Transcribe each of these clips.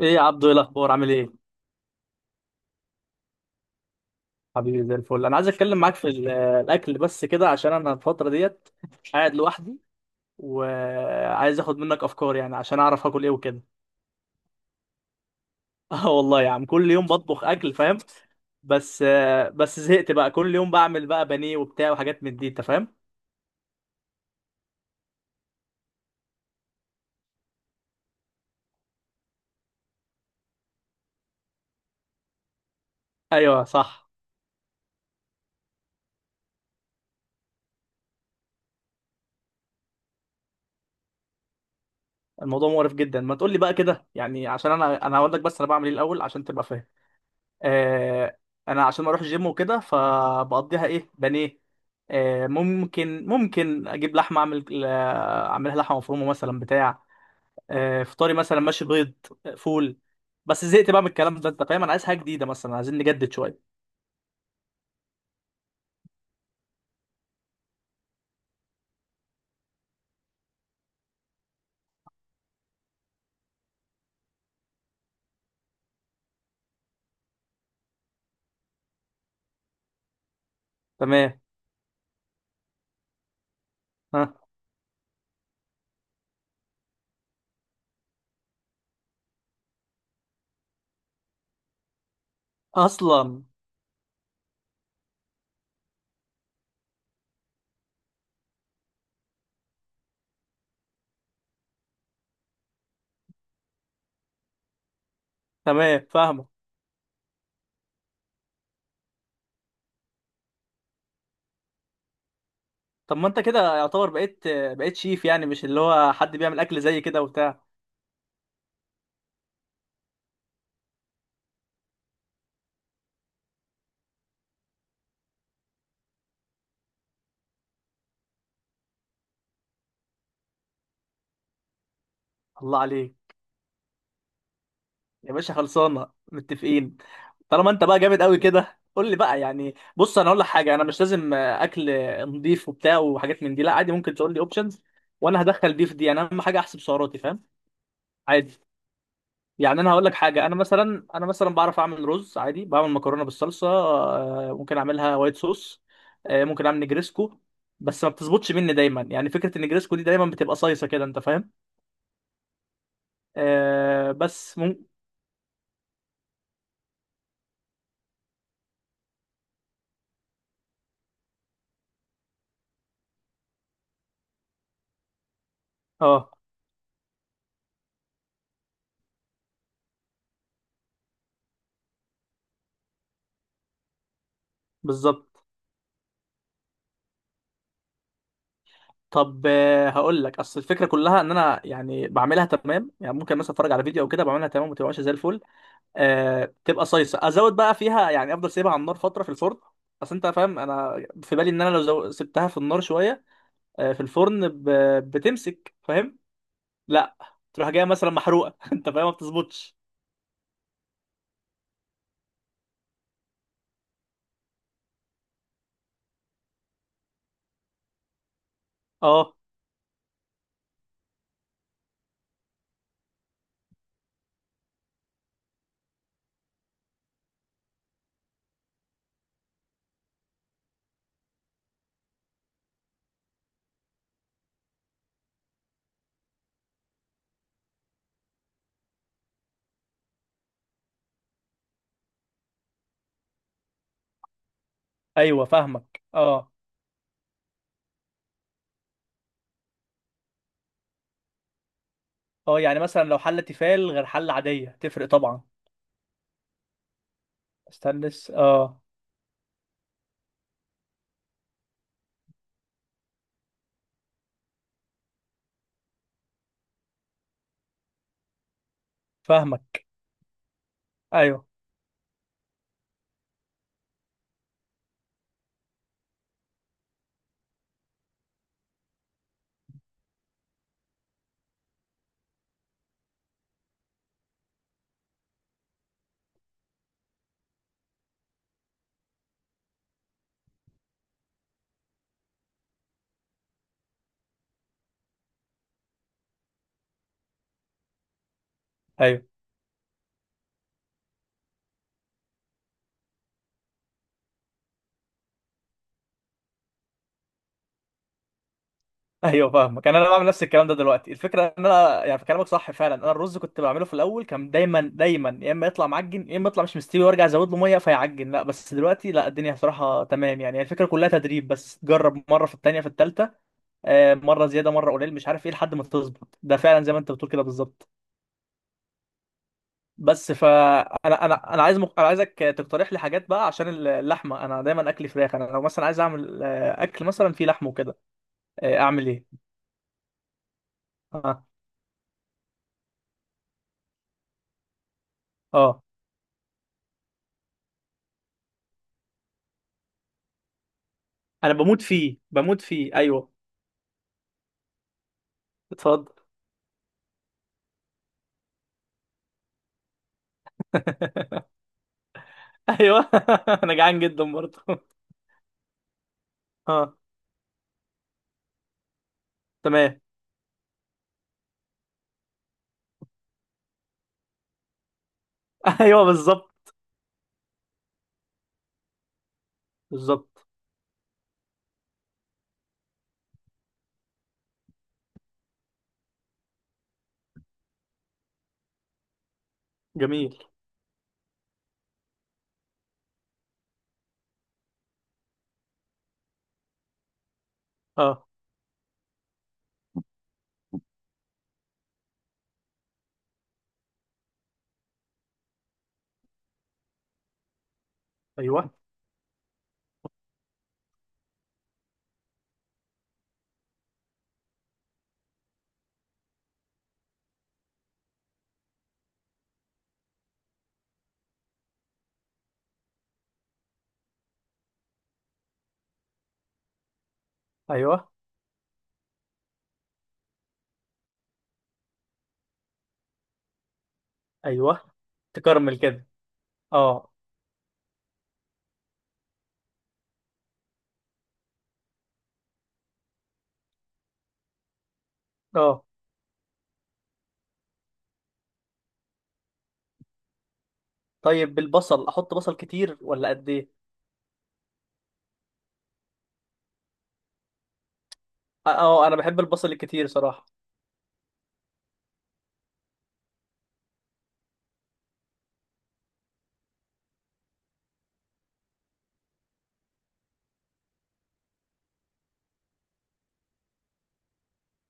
ايه يا عبدو، ايه الاخبار؟ عامل ايه؟ حبيبي زي الفل. انا عايز اتكلم معاك في الاكل بس كده، عشان انا الفتره ديت قاعد لوحدي، وعايز اخد منك افكار يعني عشان اعرف اكل ايه وكده. اه والله يا عم، كل يوم بطبخ اكل، فاهم؟ بس بس زهقت بقى، كل يوم بعمل بقى بانيه وبتاع وحاجات من دي، انت فاهم. ايوه صح. الموضوع مقرف جدا، ما تقول لي بقى كده يعني، عشان انا هقول لك بس انا بعمل ايه الاول عشان تبقى فاهم. آه، انا عشان اروح الجيم وكده، فبقضيها ايه، بانيه. ممكن اجيب لحمه، اعمل اعملها لحمه مفرومه مثلا، بتاع. فطاري مثلا، ماشي، بيض. فول. بس زهقت بقى من الكلام ده، انت فاهم، انا عايز حاجه جديده مثلا، عايزين نجدد شويه. تمام. ها. اصلا. تمام، فاهمه. طب ما انت كده يعتبر بقيت شيف يعني، مش اللي هو حد بيعمل اكل زي كده وبتاع؟ الله عليك يا باشا، خلصانه، متفقين. طالما انت بقى جامد قوي كده، قول لي بقى يعني. بص انا اقول لك حاجه، انا مش لازم اكل نضيف وبتاع وحاجات من دي، لا عادي، ممكن تقول لي اوبشنز، وانا هدخل دي في دي، انا اهم حاجه احسب سعراتي، فاهم؟ عادي. يعني انا هقول لك حاجه، انا مثلا بعرف اعمل رز عادي، بعمل مكرونه بالصلصه، ممكن اعملها وايت صوص، ممكن اعمل نجريسكو، بس ما بتظبطش مني دايما يعني، فكره النجريسكو دي دايما بتبقى صيصه كده، انت فاهم. بس ممكن. اه بالظبط. طب هقول لك، اصل الفكره كلها ان انا يعني بعملها تمام يعني، ممكن مثلا اتفرج على فيديو او كده بعملها تمام، وما تبقاش زي الفل، أه تبقى صيصه، ازود بقى فيها يعني، افضل سيبها على النار فتره في الفرن. اصل انت فاهم انا في بالي ان انا لو سبتها في النار شويه، أه في الفرن بتمسك، فاهم؟ لا تروح جايه مثلا محروقه، انت فاهم، ما بتظبطش. اه ايوه، فاهمك. اه. اه يعني مثلا لو حله تيفال غير حله عاديه، تفرق طبعا. استنس، اه. فاهمك. ايوه ايوه. ايوه فاهمك. انا بعمل نفس الكلام ده دلوقتي، الفكره ان انا يعني في كلامك صح فعلا، انا الرز كنت بعمله في الاول، كان دايما يا اما يطلع معجن، يا اما يطلع مش مستوي، وارجع ازود له ميه فيعجن، لا بس دلوقتي لا الدنيا بصراحه تمام يعني، هي الفكره كلها تدريب بس، جرب مره، في التانيه في التالته، مره زياده مره قليل مش عارف ايه، لحد ما تظبط، ده فعلا زي ما انت بتقول كده بالظبط. بس فانا انا انا أنا عايز انا عايزك تقترح لي حاجات بقى، عشان اللحمه انا دايما اكل فراخ، انا لو مثلا عايز اعمل اكل مثلا فيه لحم وكده. اعمل ايه؟ اه. اه انا بموت فيه، بموت فيه، ايوه. اتفضل. ايوه. انا جعان جدا برضه. اه تمام. ايوه بالظبط. بالظبط. جميل. اه. ايوه. ايوه. ايوه. تكرمل كده. اه. اه. طيب بالبصل، احط بصل كتير ولا قد ايه؟ اه انا بحب البصل الكتير صراحه.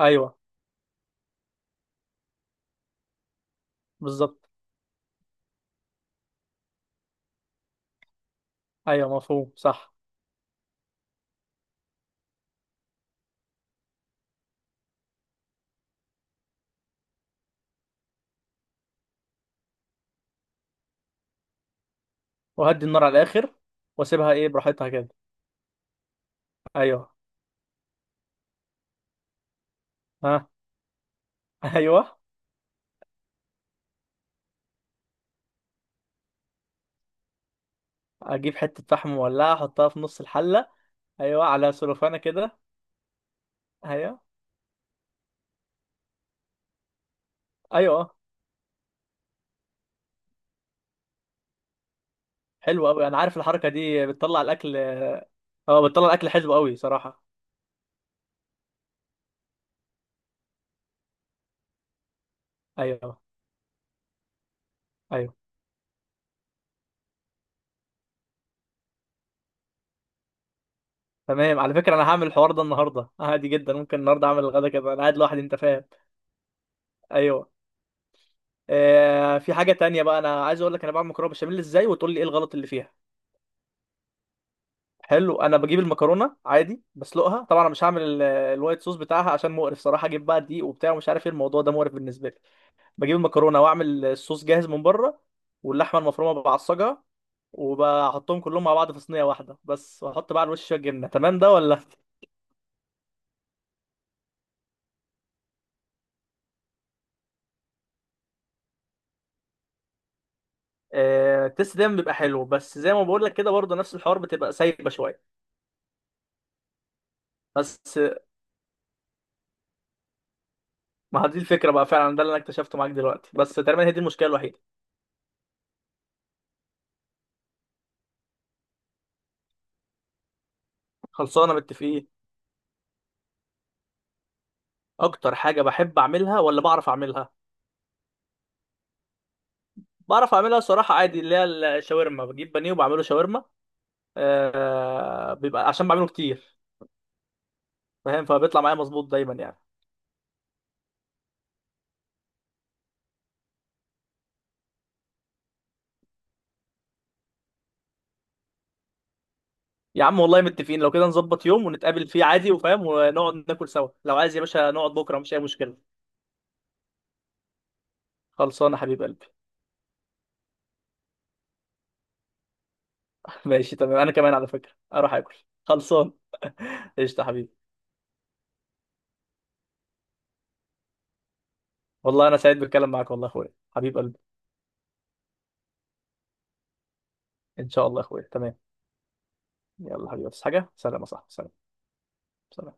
ايوه بالظبط. ايوه مفهوم، صح. وهدي النار على الاخر. واسيبها ايه، براحتها كده. ايوه. ها. ايوه. اجيب حته فحم مولعه، احطها في نص الحله. ايوه على سلوفانه كده. ايوه. ايوه اه. حلو قوي، انا عارف الحركه دي بتطلع الاكل. اه بتطلع الاكل حلو قوي صراحه. ايوه. ايوه. تمام، على فكره انا هعمل الحوار ده النهارده عادي جدا، ممكن النهارده اعمل الغدا كده، انا قاعد لوحدي انت فاهم. ايوه. آه في حاجه تانية بقى انا عايز اقول لك، انا بعمل مكرونه بشاميل ازاي، وتقول لي ايه الغلط اللي فيها. حلو، انا بجيب المكرونه عادي، بسلقها طبعا، انا مش هعمل الوايت صوص بتاعها، عشان مقرف صراحه، اجيب بقى دقيق وبتاع ومش عارف ايه، الموضوع ده مقرف بالنسبه لي. بجيب المكرونه واعمل الصوص جاهز من بره، واللحمه المفرومه بعصجها، وبحطهم كلهم مع بعض في صينيه واحده بس، واحط بقى على الوش شويه جبنه، تمام ده ولا؟ التست دايما بيبقى حلو، بس زي ما بقول لك كده برضه نفس الحوار، بتبقى سايبه شويه. بس ما هي دي الفكره بقى فعلا، ده اللي انا اكتشفته معاك دلوقتي، بس تقريبا هي دي المشكله الوحيده. خلصانه، متفقين. اكتر حاجه بحب اعملها، ولا بعرف اعملها؟ بعرف اعملها صراحه، عادي، اللي هي الشاورما، بجيب بانيه وبعمله شاورما، بيبقى عشان بعمله كتير، فاهم، فبيطلع معايا مظبوط دايما يعني. يا عم والله متفقين، لو كده نظبط يوم ونتقابل فيه عادي، وفاهم، ونقعد ناكل سوا، لو عايز يا باشا نقعد بكره مش اي مشكله. خلصان يا حبيب قلبي. ماشي تمام، انا كمان على فكره اروح اكل، خلصان. قشطه يا حبيبي. والله انا سعيد بالكلام معاك والله يا اخويا. حبيب قلبي. ان شاء الله يا اخويا، تمام. يلا حبيبي، بس حاجه، سلام يا صاحبي، سلام. سلام.